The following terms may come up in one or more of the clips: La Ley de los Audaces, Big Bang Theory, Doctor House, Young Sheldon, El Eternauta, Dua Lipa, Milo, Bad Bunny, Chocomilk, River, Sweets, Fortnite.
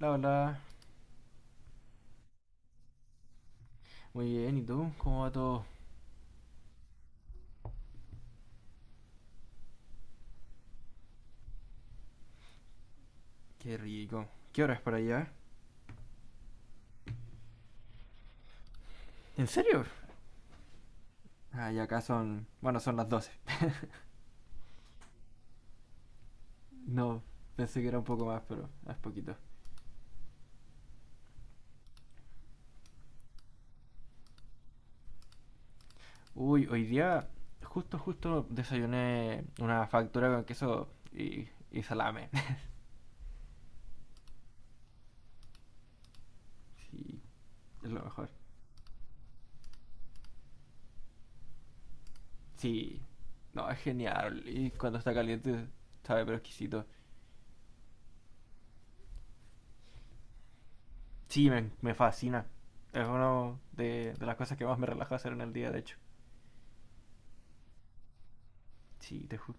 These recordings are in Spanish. La Hola. Muy bien, ¿y tú? ¿Cómo va todo? Qué rico. ¿Qué hora es por allá? ¿En serio? Ah, y acá son. Bueno, son las 12. No, pensé que era un poco más, pero es poquito. Uy, hoy día justo desayuné una factura con queso y salame. Sí, es lo mejor. Sí, no, es genial. Y cuando está caliente, sabe, pero exquisito. Sí, me fascina. Es una de las cosas que más me relaja hacer en el día, de hecho. Sí.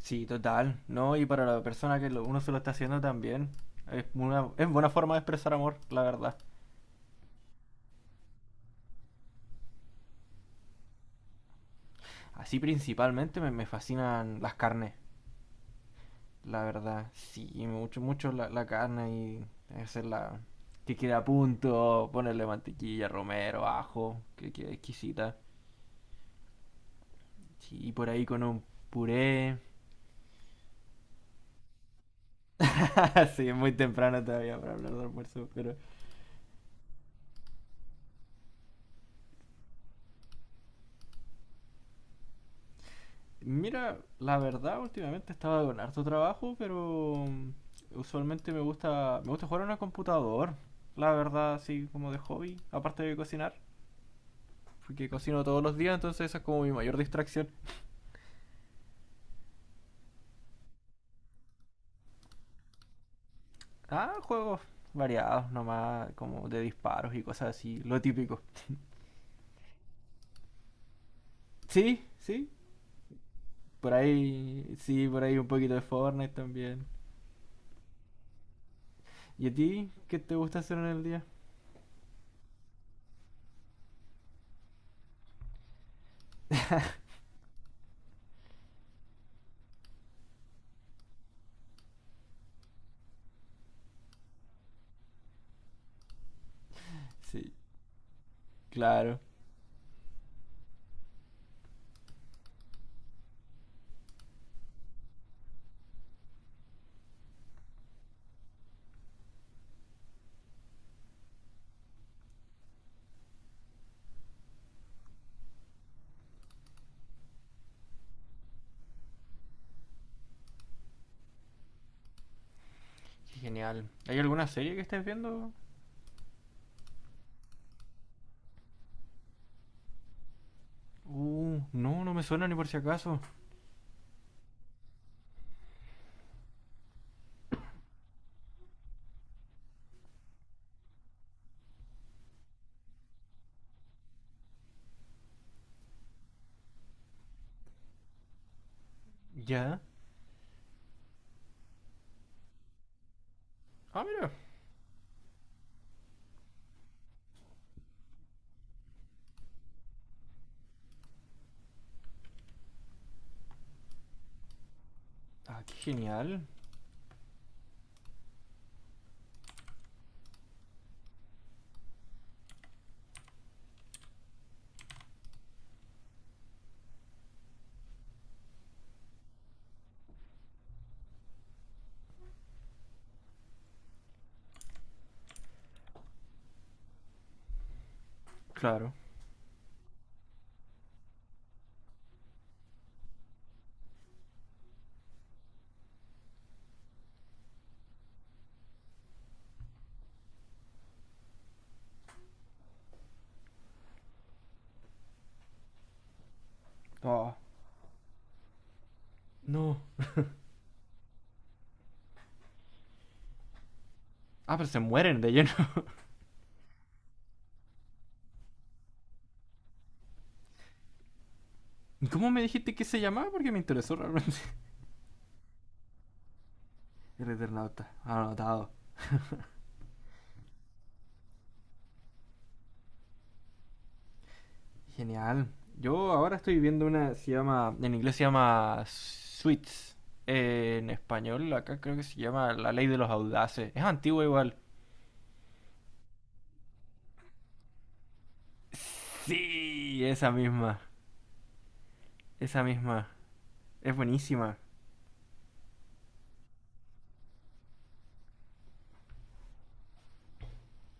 Sí, total, ¿no? Y para la persona uno se lo está haciendo también, es buena forma de expresar amor, la verdad. Así principalmente me fascinan las carnes, la verdad. Sí, mucho, mucho la carne y hacerla que quede a punto, ponerle mantequilla, romero, ajo, que quede exquisita. Sí, y por ahí con un puré. Sí, es muy temprano todavía para hablar de almuerzo, pero mira, la verdad, últimamente estaba con harto trabajo, pero usualmente me gusta jugar en el computador. La verdad, así como de hobby, aparte de cocinar, porque cocino todos los días, entonces esa es como mi mayor distracción. Ah, juegos variados nomás, como de disparos y cosas así, lo típico. Sí, sí, por ahí un poquito de Fortnite también. ¿Y a ti qué te gusta hacer en el día? Sí, claro. Qué genial. ¿Hay alguna serie que estés viendo? No, no me suena ni por si acaso. ¿Ya? Ah, mira. Ah, qué genial. Claro. Ah, no. Ah, pero se mueren de lleno. ¿Cómo me dijiste que se llamaba? Porque me interesó realmente. El Eternauta. Anotado. Genial. Yo ahora estoy viendo una, se llama, en inglés se llama Sweets. En español acá creo que se llama La Ley de los Audaces. Es antigua igual. Sí, esa misma. Esa misma. Es buenísima.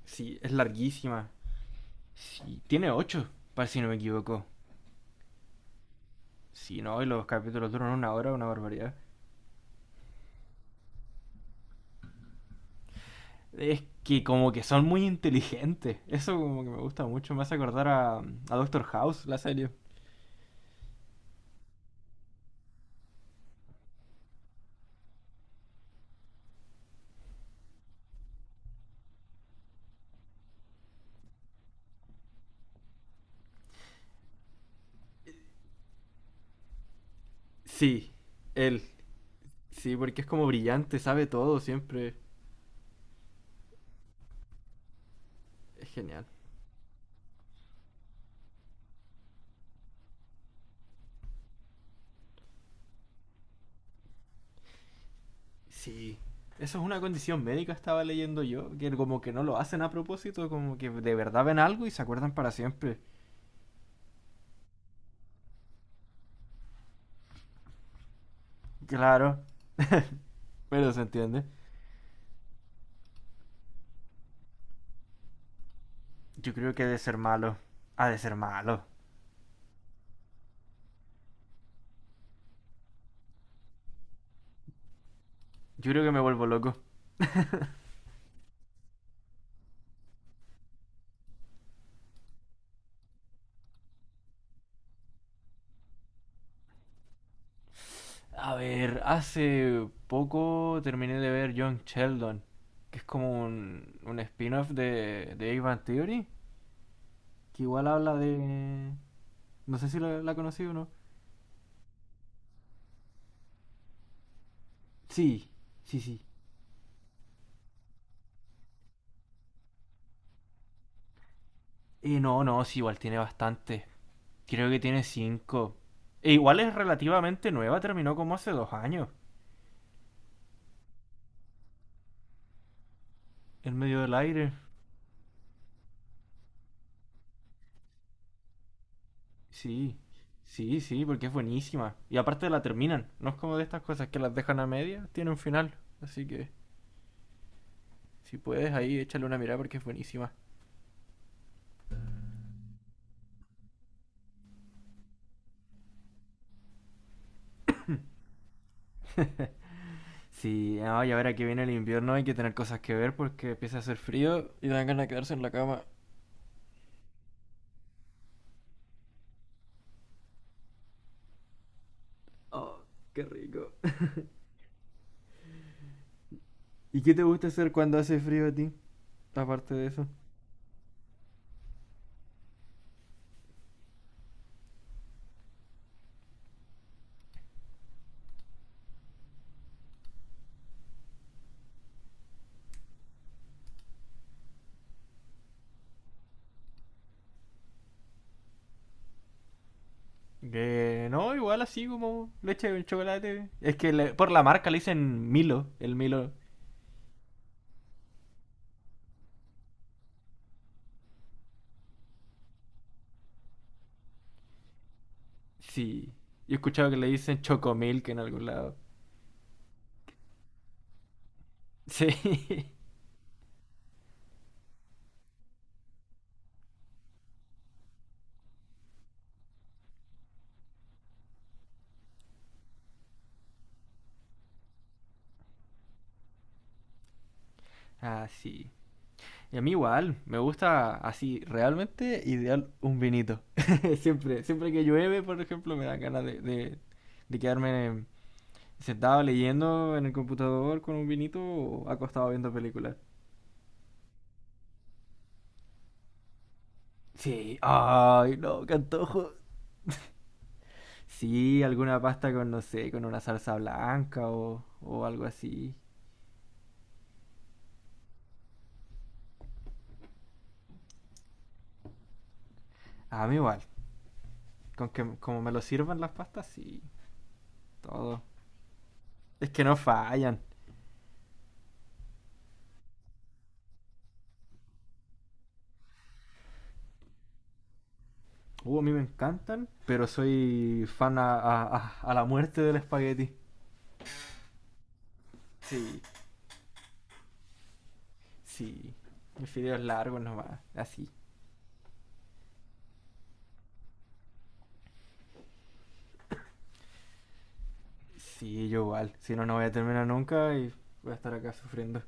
Sí, es larguísima. Sí, tiene ocho, para si no me equivoco. Sí, no, y los capítulos duran una hora, una barbaridad. Es que como que son muy inteligentes. Eso como que me gusta mucho. Me hace acordar a Doctor House, la serie. Sí, él. Sí, porque es como brillante, sabe todo siempre. Es genial. Sí. Eso es una condición médica, estaba leyendo yo, que como que no lo hacen a propósito, como que de verdad ven algo y se acuerdan para siempre. Claro, pero se entiende. Yo creo que ha de ser malo. Ha de ser malo. Yo creo que me vuelvo loco. A ver, hace poco terminé de ver Young Sheldon, que es como un spin-off de Big Bang Theory, que igual habla de. No sé si la conocí o no. Sí, sí, sí. No, no, sí, igual tiene bastante. Creo que tiene cinco. E igual es relativamente nueva, terminó como hace 2 años. En medio del aire. Sí, sí, sí, porque es buenísima. Y aparte la terminan. No es como de estas cosas que las dejan a media, tiene un final. Así que. Si puedes, ahí échale una mirada porque es buenísima. Sí, no, y ahora que viene el invierno hay que tener cosas que ver porque empieza a hacer frío. Y dan ganas de quedarse en la cama. Oh, qué rico. ¿Y qué te gusta hacer cuando hace frío a ti? Aparte de eso. Que no, igual así como leche con chocolate. Es que por la marca le dicen Milo, el Milo. Sí. Yo he escuchado que le dicen Chocomilk en algún lado. Sí. Ah, sí. Y a mí igual, me gusta así, realmente ideal un vinito. Siempre, siempre que llueve, por ejemplo, me dan ganas de quedarme sentado leyendo en el computador con un vinito o acostado viendo películas. Sí, ay, no, qué antojo. Sí, alguna pasta con, no sé, con una salsa blanca o algo así. A mí igual, con que como me lo sirvan las pastas, sí, todo. Es que no fallan. A mí me encantan, pero soy fan a la muerte del espagueti. Sí, sí. Mis fideos largos nomás, así. Sí, yo igual. Si no, no voy a terminar nunca y voy a estar acá sufriendo.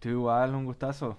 Tú igual, un gustazo.